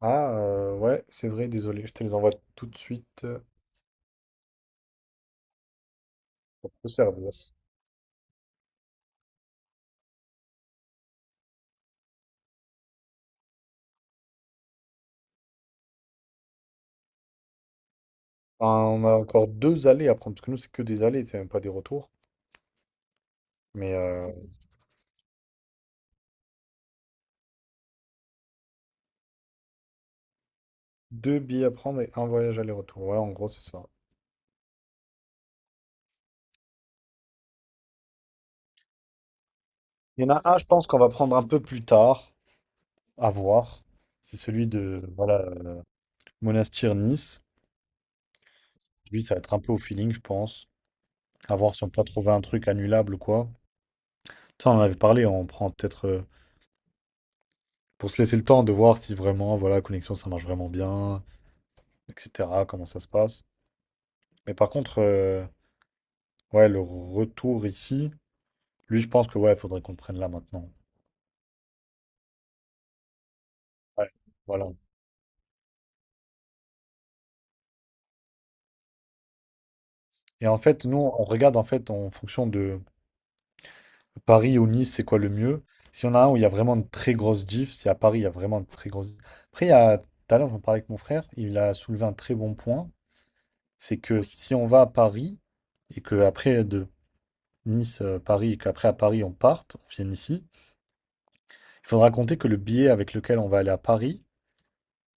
Ah, ouais, c'est vrai, désolé, je te les envoie tout de suite pour te servir. Enfin, on a encore deux allées à prendre, parce que nous, c'est que des allées, c'est même pas des retours. Mais deux billets à prendre et un voyage aller-retour. Ouais, en gros, c'est ça. Il y en a un, je pense qu'on va prendre un peu plus tard, à voir. C'est celui de, voilà, Monastir-Nice. Lui, ça va être un peu au feeling, je pense. À voir si on peut pas trouver un truc annulable ou quoi. Ça, on en avait parlé, on prend peut-être pour se laisser le temps de voir si vraiment, voilà, la connexion, ça marche vraiment bien, etc., comment ça se passe. Mais par contre, ouais, le retour ici, lui, je pense que ouais, il faudrait qu'on le prenne là maintenant. Ouais, voilà. Et en fait, nous, on regarde en fait en fonction de Paris ou Nice, c'est quoi le mieux. Si on a un où il y a vraiment une très grosse diff, c'est à Paris, il y a vraiment une très grosse diff. Après, il y a, tout à l'heure, j'en parlais avec mon frère, il a soulevé un très bon point, c'est que si on va à Paris et que après de Nice, Paris, et qu'après à Paris on parte, on vienne ici, il faudra compter que le billet avec lequel on va aller à Paris,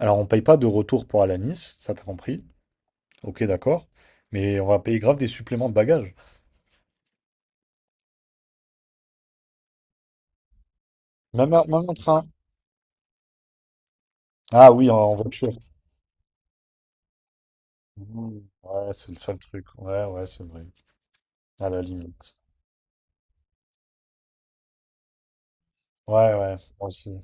alors on paye pas de retour pour aller à Nice, ça t'as compris. Ok, d'accord. Mais on va payer grave des suppléments de bagages. Même, même en train. Ah oui, en voiture. Mmh. Ouais, c'est le seul truc. Ouais, ouais, c'est vrai. À la limite. Ouais, ouais, moi aussi.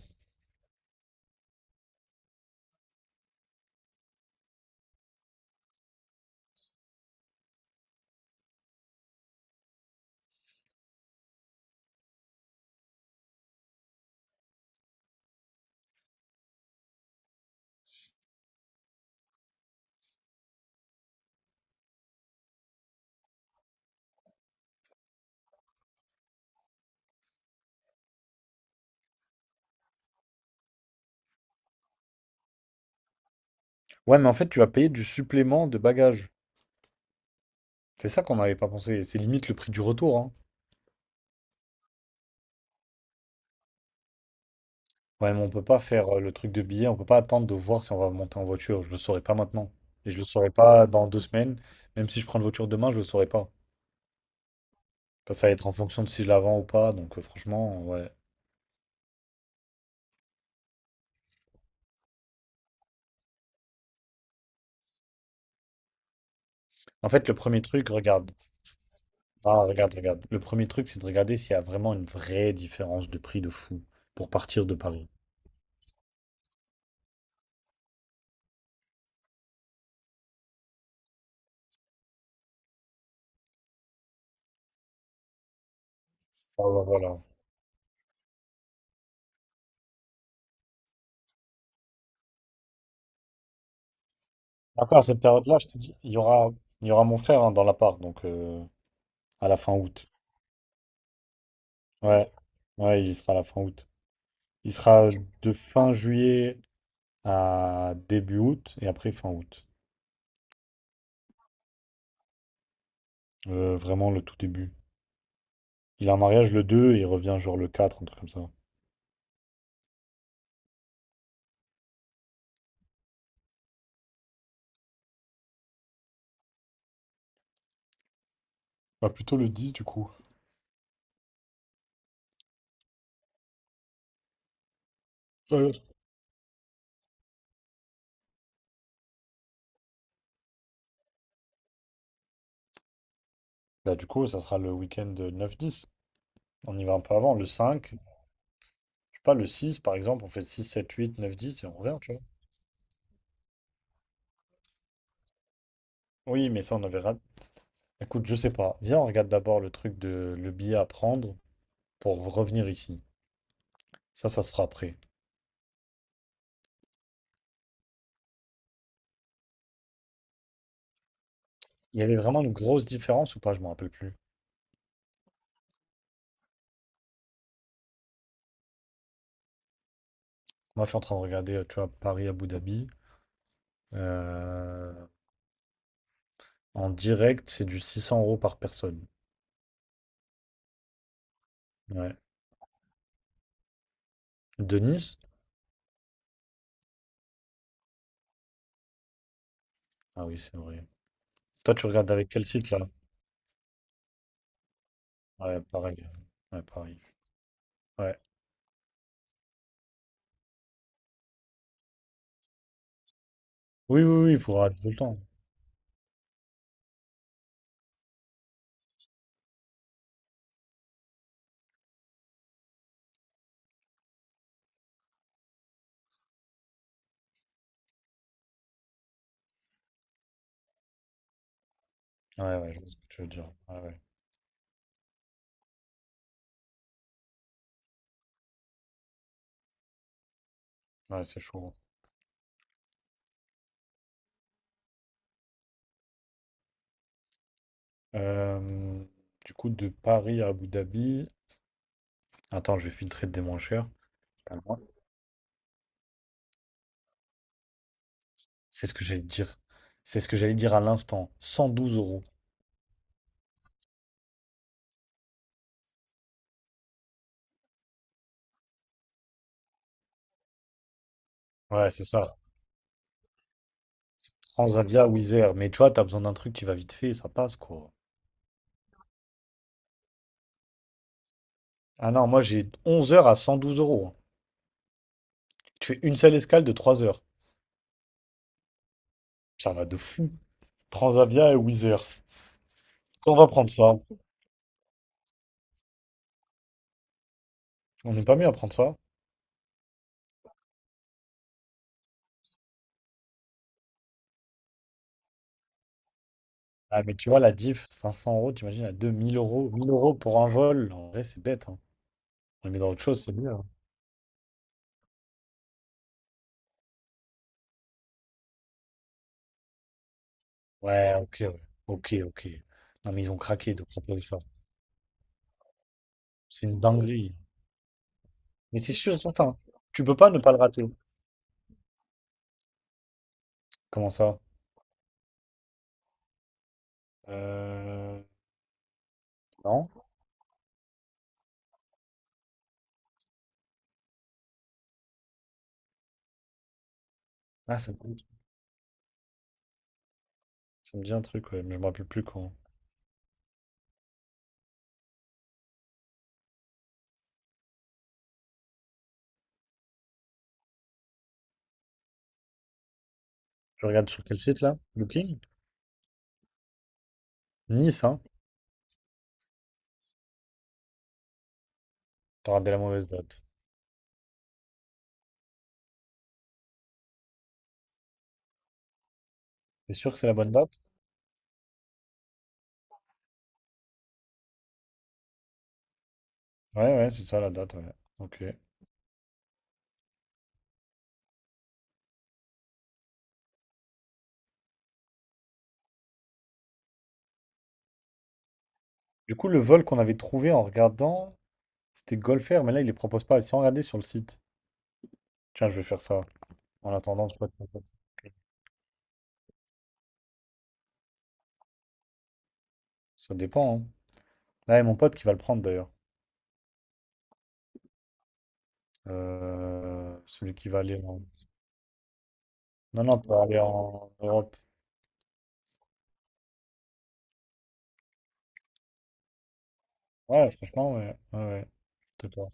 Ouais, mais en fait, tu vas payer du supplément de bagages. C'est ça qu'on n'avait pas pensé. C'est limite le prix du retour, hein. Ouais, mais on peut pas faire le truc de billet. On peut pas attendre de voir si on va monter en voiture. Je le saurai pas maintenant. Et je le saurai pas dans 2 semaines. Même si je prends une voiture demain, je le saurai pas. Parce que ça va être en fonction de si je la vends ou pas. Donc, franchement, ouais. En fait, le premier truc, regarde. Ah, regarde, regarde. Le premier truc, c'est de regarder s'il y a vraiment une vraie différence de prix de fou pour partir de Paris. Ah, bah, voilà. Après, à cette période-là, je te dis, il y aura mon frère hein, dans l'appart, donc à la fin août. Ouais, ouais, il sera à la fin août. Il sera de fin juillet à début août et après fin août. Vraiment le tout début. Il a un mariage le 2 et il revient genre le 4 un truc comme ça. Bah plutôt le 10 du coup. Euh, Bah, du coup, ça sera le week-end 9-10. On y va un peu avant, le 5. Je sais pas, le 6 par exemple, on fait 6, 7, 8, 9, 10 et on revient, tu vois. Oui, mais ça, on avait. Écoute, je sais pas. Viens, on regarde d'abord le truc de le billet à prendre pour revenir ici. Ça se fera après. Il y avait vraiment une grosse différence ou pas? Je me rappelle plus. Moi, je suis en train de regarder, tu vois, Paris-Abu Dhabi. Euh, En direct, c'est du 600 € par personne. Ouais. De Nice? Ah oui, c'est vrai. Toi, tu regardes avec quel site, là? Ouais, pareil. Ouais, pareil. Ouais. Oui, oui, oui, il faudra tout le temps. Ouais, ouais, je vois ce que tu veux dire. Ouais, ouais. Ouais, c'est chaud. Euh, du coup, de Paris à Abu Dhabi. Attends, je vais filtrer des moins chers. Pas loin. C'est ce que j'allais te dire. C'est ce que j'allais dire à l'instant. 112 euros. Ouais, c'est ça. Transavia ou Wizz Air. Mais tu vois, t'as besoin d'un truc qui va vite fait, ça passe, quoi. Ah non, moi j'ai 11 heures à 112 euros, hein. Tu fais une seule escale de 3 heures. Ça va de fou. Transavia et Wizz Air. On va prendre ça. On n'est pas mieux à prendre ça. Ah, mais tu vois, la diff, 500 euros, t'imagines, à 2000 euros. 1000 euros pour un vol, en vrai, c'est bête, hein. On les met dans autre chose, c'est mieux, hein. Ouais, ok, ouais. Ok, ok. Non, mais ils ont craqué de proposer ça. C'est une dinguerie. Mais c'est sûr et certain. Tu peux pas ne pas le rater. Comment ça? Euh... Non? Ah, ça me dit un truc, ouais, mais je me rappelle plus quand. Tu regardes sur quel site, là? Booking? Nice, hein? T'as regardé la mauvaise date. T'es sûr que c'est la bonne date? Ouais, ouais, c'est ça la date, ouais. Ok. Du coup, le vol qu'on avait trouvé en regardant. C'était Golfer, mais là, il les propose pas. Sans regarder sur le site. Tiens, je vais faire ça. En attendant, je sais pas de mon pote. Ça dépend, hein. Là, il y a mon pote qui va le prendre d'ailleurs. Celui qui va aller en. Non, non, pour aller en Europe. Ouais, franchement, ouais. Ouais, ouais. Peut-être pas.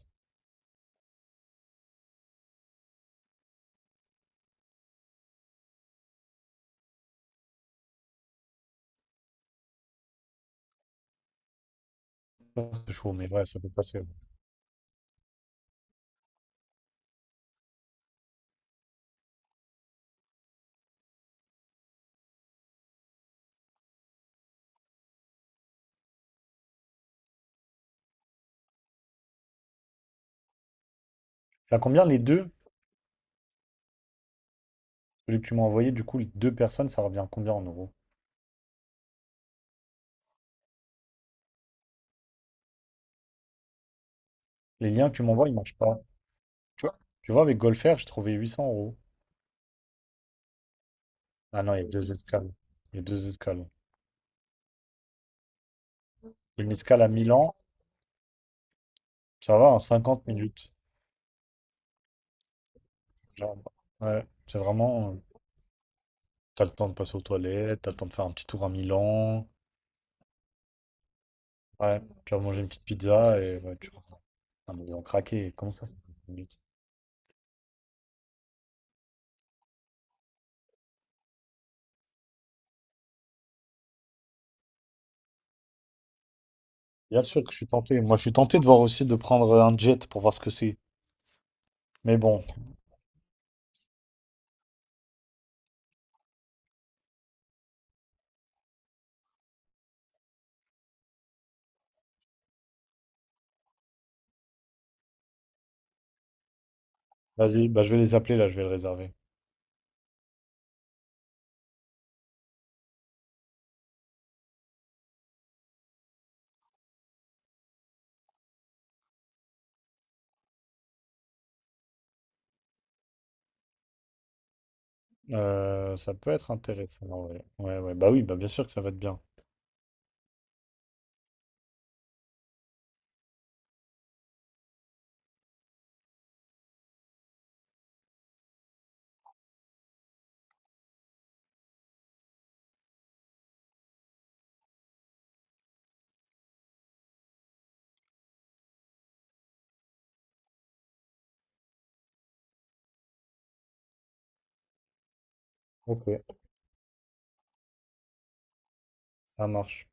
C'est chaud, mais ouais, ça peut passer. C'est à combien les deux? Celui que tu m'as envoyé, du coup, les deux personnes, ça revient à combien en euros? Les liens que tu m'envoies, ils marchent pas. Tu vois? Tu vois, avec Golfer, j'ai trouvé 800 euros. Ah non, il y a deux escales. Il y a deux escales. Une escale à Milan, ça va en 50 minutes. Genre, ouais, c'est vraiment, t'as le temps de passer aux toilettes, t'as le temps de faire un petit tour à Milan, ouais, tu vas manger une petite pizza et ouais, tu vois. Ah, mais ils ont craqué, comment ça, c'est 10 minutes. Bien sûr que je suis tenté, moi je suis tenté de voir aussi de prendre un jet pour voir ce que c'est. Mais bon, vas-y, bah je vais les appeler là, je vais le réserver. Ça peut être intéressant, ouais. Ouais, ouais, bah oui, bah bien sûr que ça va être bien. Ok, ça marche.